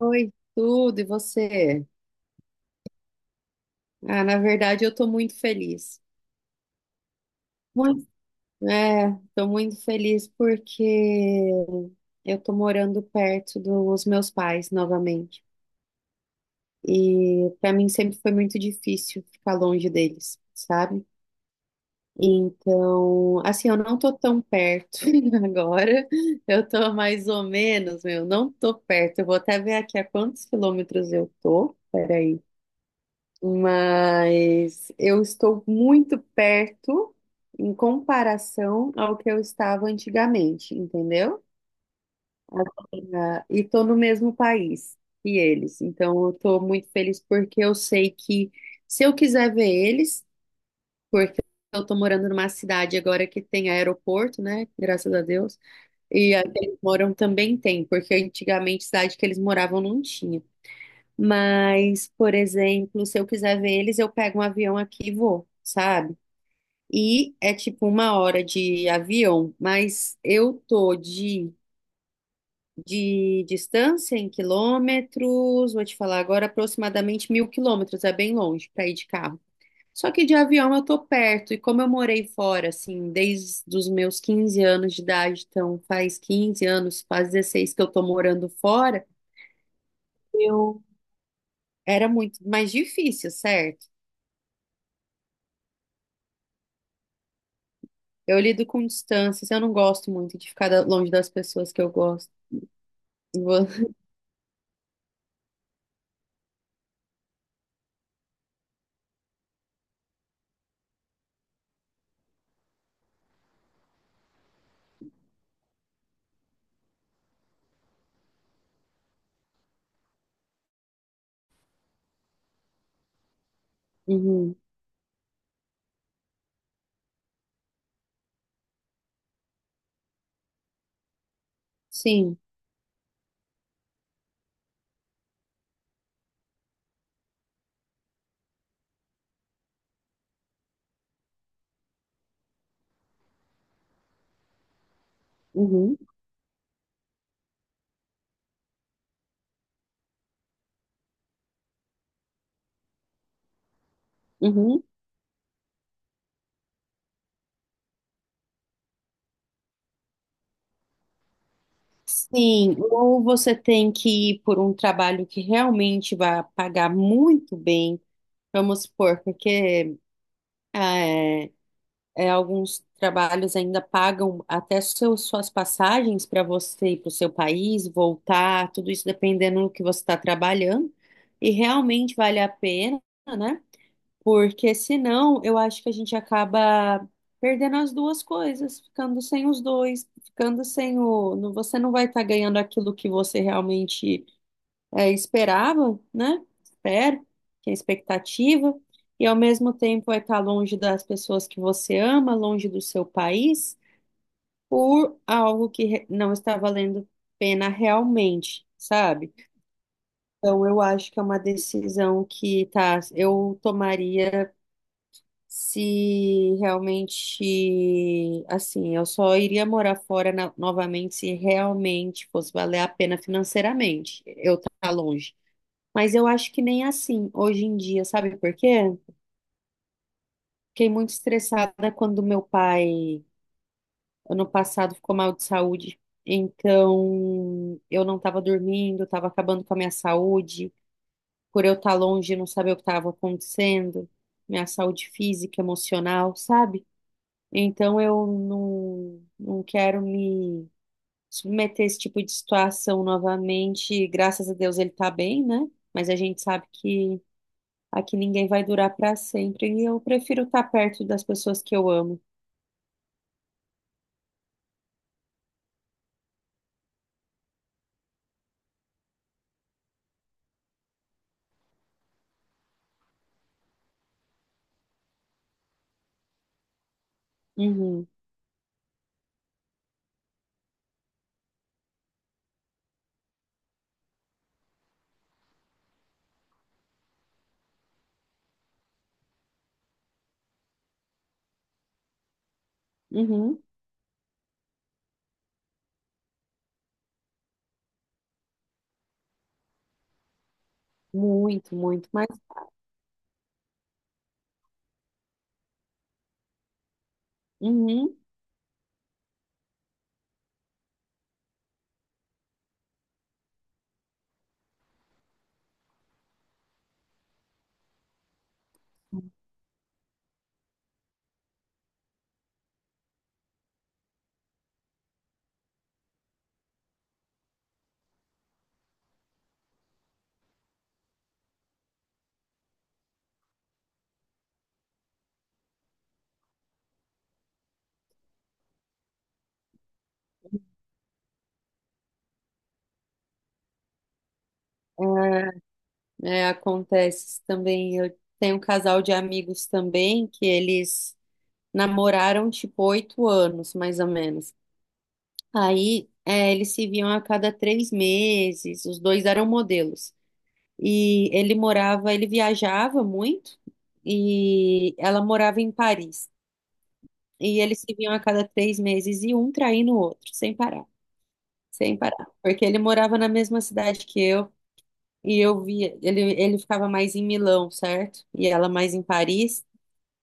Oi, tudo, e você? Ah, na verdade, eu tô muito feliz. Muito, é, tô muito feliz porque eu tô morando perto dos meus pais novamente. E pra mim sempre foi muito difícil ficar longe deles, sabe? Então, assim, eu não tô tão perto agora. Eu tô mais ou menos, meu, não tô perto. Eu vou até ver aqui a quantos quilômetros eu tô. Peraí. Mas eu estou muito perto em comparação ao que eu estava antigamente, entendeu? Ah, e estou no mesmo país que eles. Então eu estou muito feliz porque eu sei que se eu quiser ver eles, porque eu estou morando numa cidade agora que tem aeroporto, né? Graças a Deus. E a que eles moram também tem, porque antigamente cidade que eles moravam não tinha. Mas, por exemplo, se eu quiser ver eles, eu pego um avião aqui e vou, sabe? E é tipo uma hora de avião, mas eu tô de distância em quilômetros, vou te falar agora, aproximadamente 1.000 quilômetros, é bem longe para ir de carro. Só que de avião eu tô perto, e como eu morei fora, assim, desde os meus 15 anos de idade, então faz 15 anos, faz 16 que eu tô morando fora, eu era muito mais difícil, certo? Eu lido com distâncias, eu não gosto muito de ficar longe das pessoas que eu gosto. Vo- Uhum. Sim. Uhum. Uhum. Sim, ou você tem que ir por um trabalho que realmente vai pagar muito bem, vamos supor, porque ah, alguns trabalhos ainda pagam até suas passagens para você ir para o seu país, voltar, tudo isso dependendo do que você está trabalhando, e realmente vale a pena, né? Porque senão eu acho que a gente acaba perdendo as duas coisas, ficando sem os dois, ficando sem o. não- Você não vai estar ganhando aquilo que você realmente esperava, né? Espera, que é expectativa, e ao mesmo tempo vai estar longe das pessoas que você ama, longe do seu país, por algo que não está valendo pena realmente, sabe? Então eu acho que é uma decisão que tá, eu tomaria se realmente, assim, eu só iria morar fora novamente se realmente fosse valer a pena financeiramente eu estar longe. Mas eu acho que nem assim hoje em dia, sabe por quê? Fiquei muito estressada quando meu pai, ano passado, ficou mal de saúde. Então, eu não estava dormindo, estava acabando com a minha saúde, por eu estar longe e não saber o que estava acontecendo, minha saúde física, emocional, sabe? Então eu não, não quero me submeter a esse tipo de situação novamente. Graças a Deus ele tá bem, né? Mas a gente sabe que aqui ninguém vai durar para sempre e eu prefiro estar perto das pessoas que eu amo. Uhum, uhum, muito, muito, mas uhum, é, é, acontece também. Eu tenho um casal de amigos também que eles namoraram tipo 8 anos, mais ou menos. Aí, é, eles se viam a cada 3 meses, os dois eram modelos. E ele morava, ele viajava muito, e ela morava em Paris. E eles se viam a cada três meses, e um traindo o outro, sem parar, sem parar. Porque ele morava na mesma cidade que eu, e eu via, ele ficava mais em Milão, certo? E ela mais em Paris.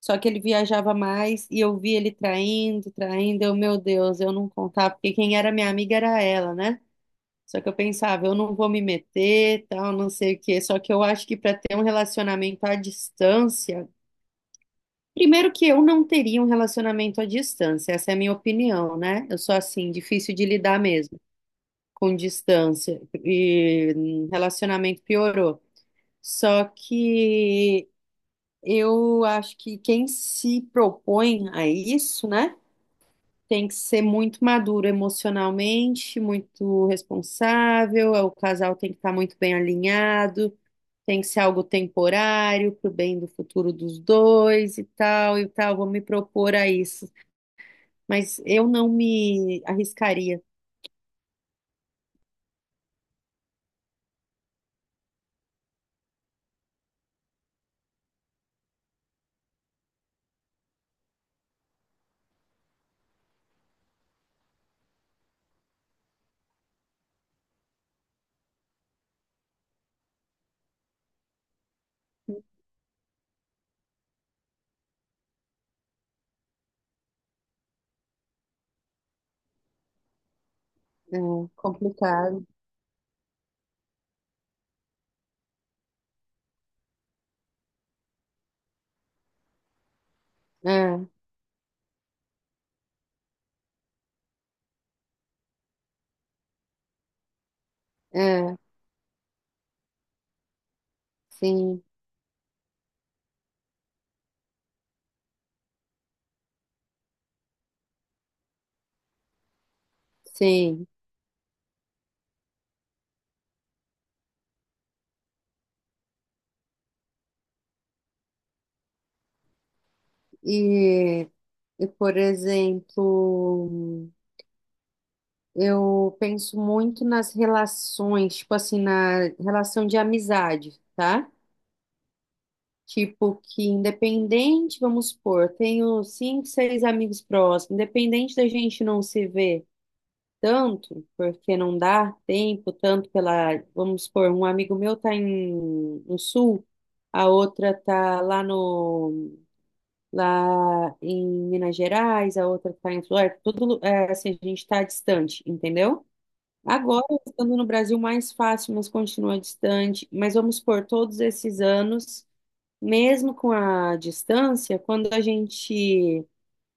Só que ele viajava mais e eu via ele traindo, traindo. Eu, meu Deus, eu não contava, porque quem era minha amiga era ela, né? Só que eu pensava, eu não vou me meter, tal, não sei o quê. Só que eu acho que para ter um relacionamento à distância, primeiro que eu não teria um relacionamento à distância, essa é a minha opinião, né? Eu sou assim, difícil de lidar mesmo com distância e relacionamento piorou. Só que eu acho que quem se propõe a isso, né? Tem que ser muito maduro emocionalmente, muito responsável. O casal tem que estar muito bem alinhado, tem que ser algo temporário, pro bem do futuro dos dois e tal e tal. Vou me propor a isso, mas eu não me arriscaria. É complicado. É, é, sim, sim. E, e por exemplo. Eu penso muito nas relações, tipo assim, na relação de amizade, tá? Tipo que independente, vamos supor, tenho cinco, seis amigos próximos, independente da gente não se ver tanto, porque não dá tempo tanto pela, vamos supor, um amigo meu tá no sul, a outra tá lá no, lá em Minas Gerais, a outra tá em Flórida, tudo, é, assim, a gente tá distante, entendeu? Agora, estando no Brasil, mais fácil, mas continua distante. Mas vamos por todos esses anos, mesmo com a distância, quando a gente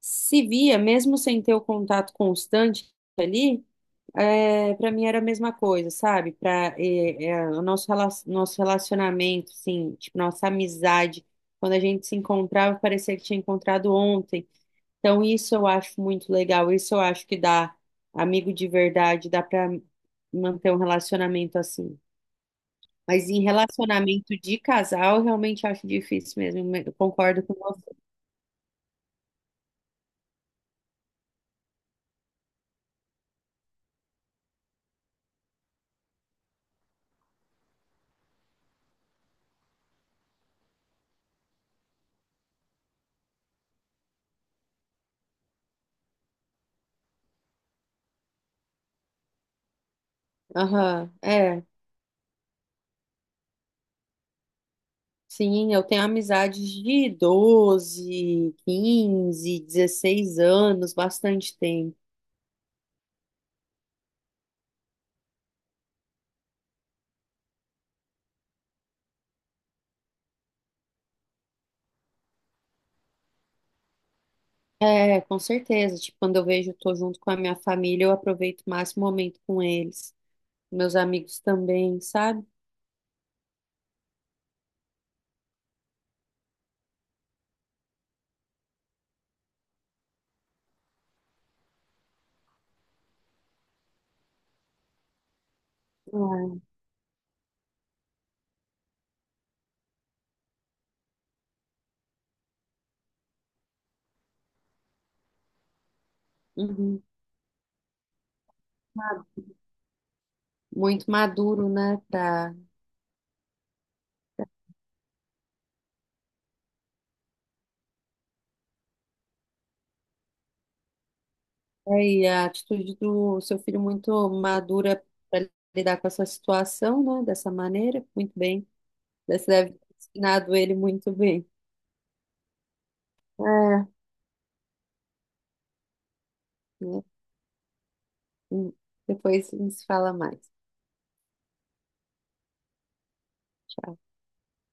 se via, mesmo sem ter o contato constante ali, é, para mim era a mesma coisa, sabe? Para o nosso relacionamento, assim, tipo, nossa amizade, quando a gente se encontrava, parecia que tinha encontrado ontem. Então, isso eu acho muito legal. Isso eu acho que dá amigo de verdade, dá para manter um relacionamento assim. Mas em relacionamento de casal, eu realmente acho difícil mesmo. Eu concordo com você. Aham, é. Sim, eu tenho amizades de 12, 15, 16 anos, bastante tempo. É, com certeza. Tipo, quando eu vejo, eu tô junto com a minha família, eu aproveito o máximo momento com eles. Meus amigos também, sabe? Ah, uhum. Muito maduro, né? Pra... É, e a atitude do seu filho muito madura para lidar com essa situação, né? Dessa maneira, muito bem. Você deve ter ensinado ele muito bem. É, né? hum, Depois a gente se fala mais. Tchau.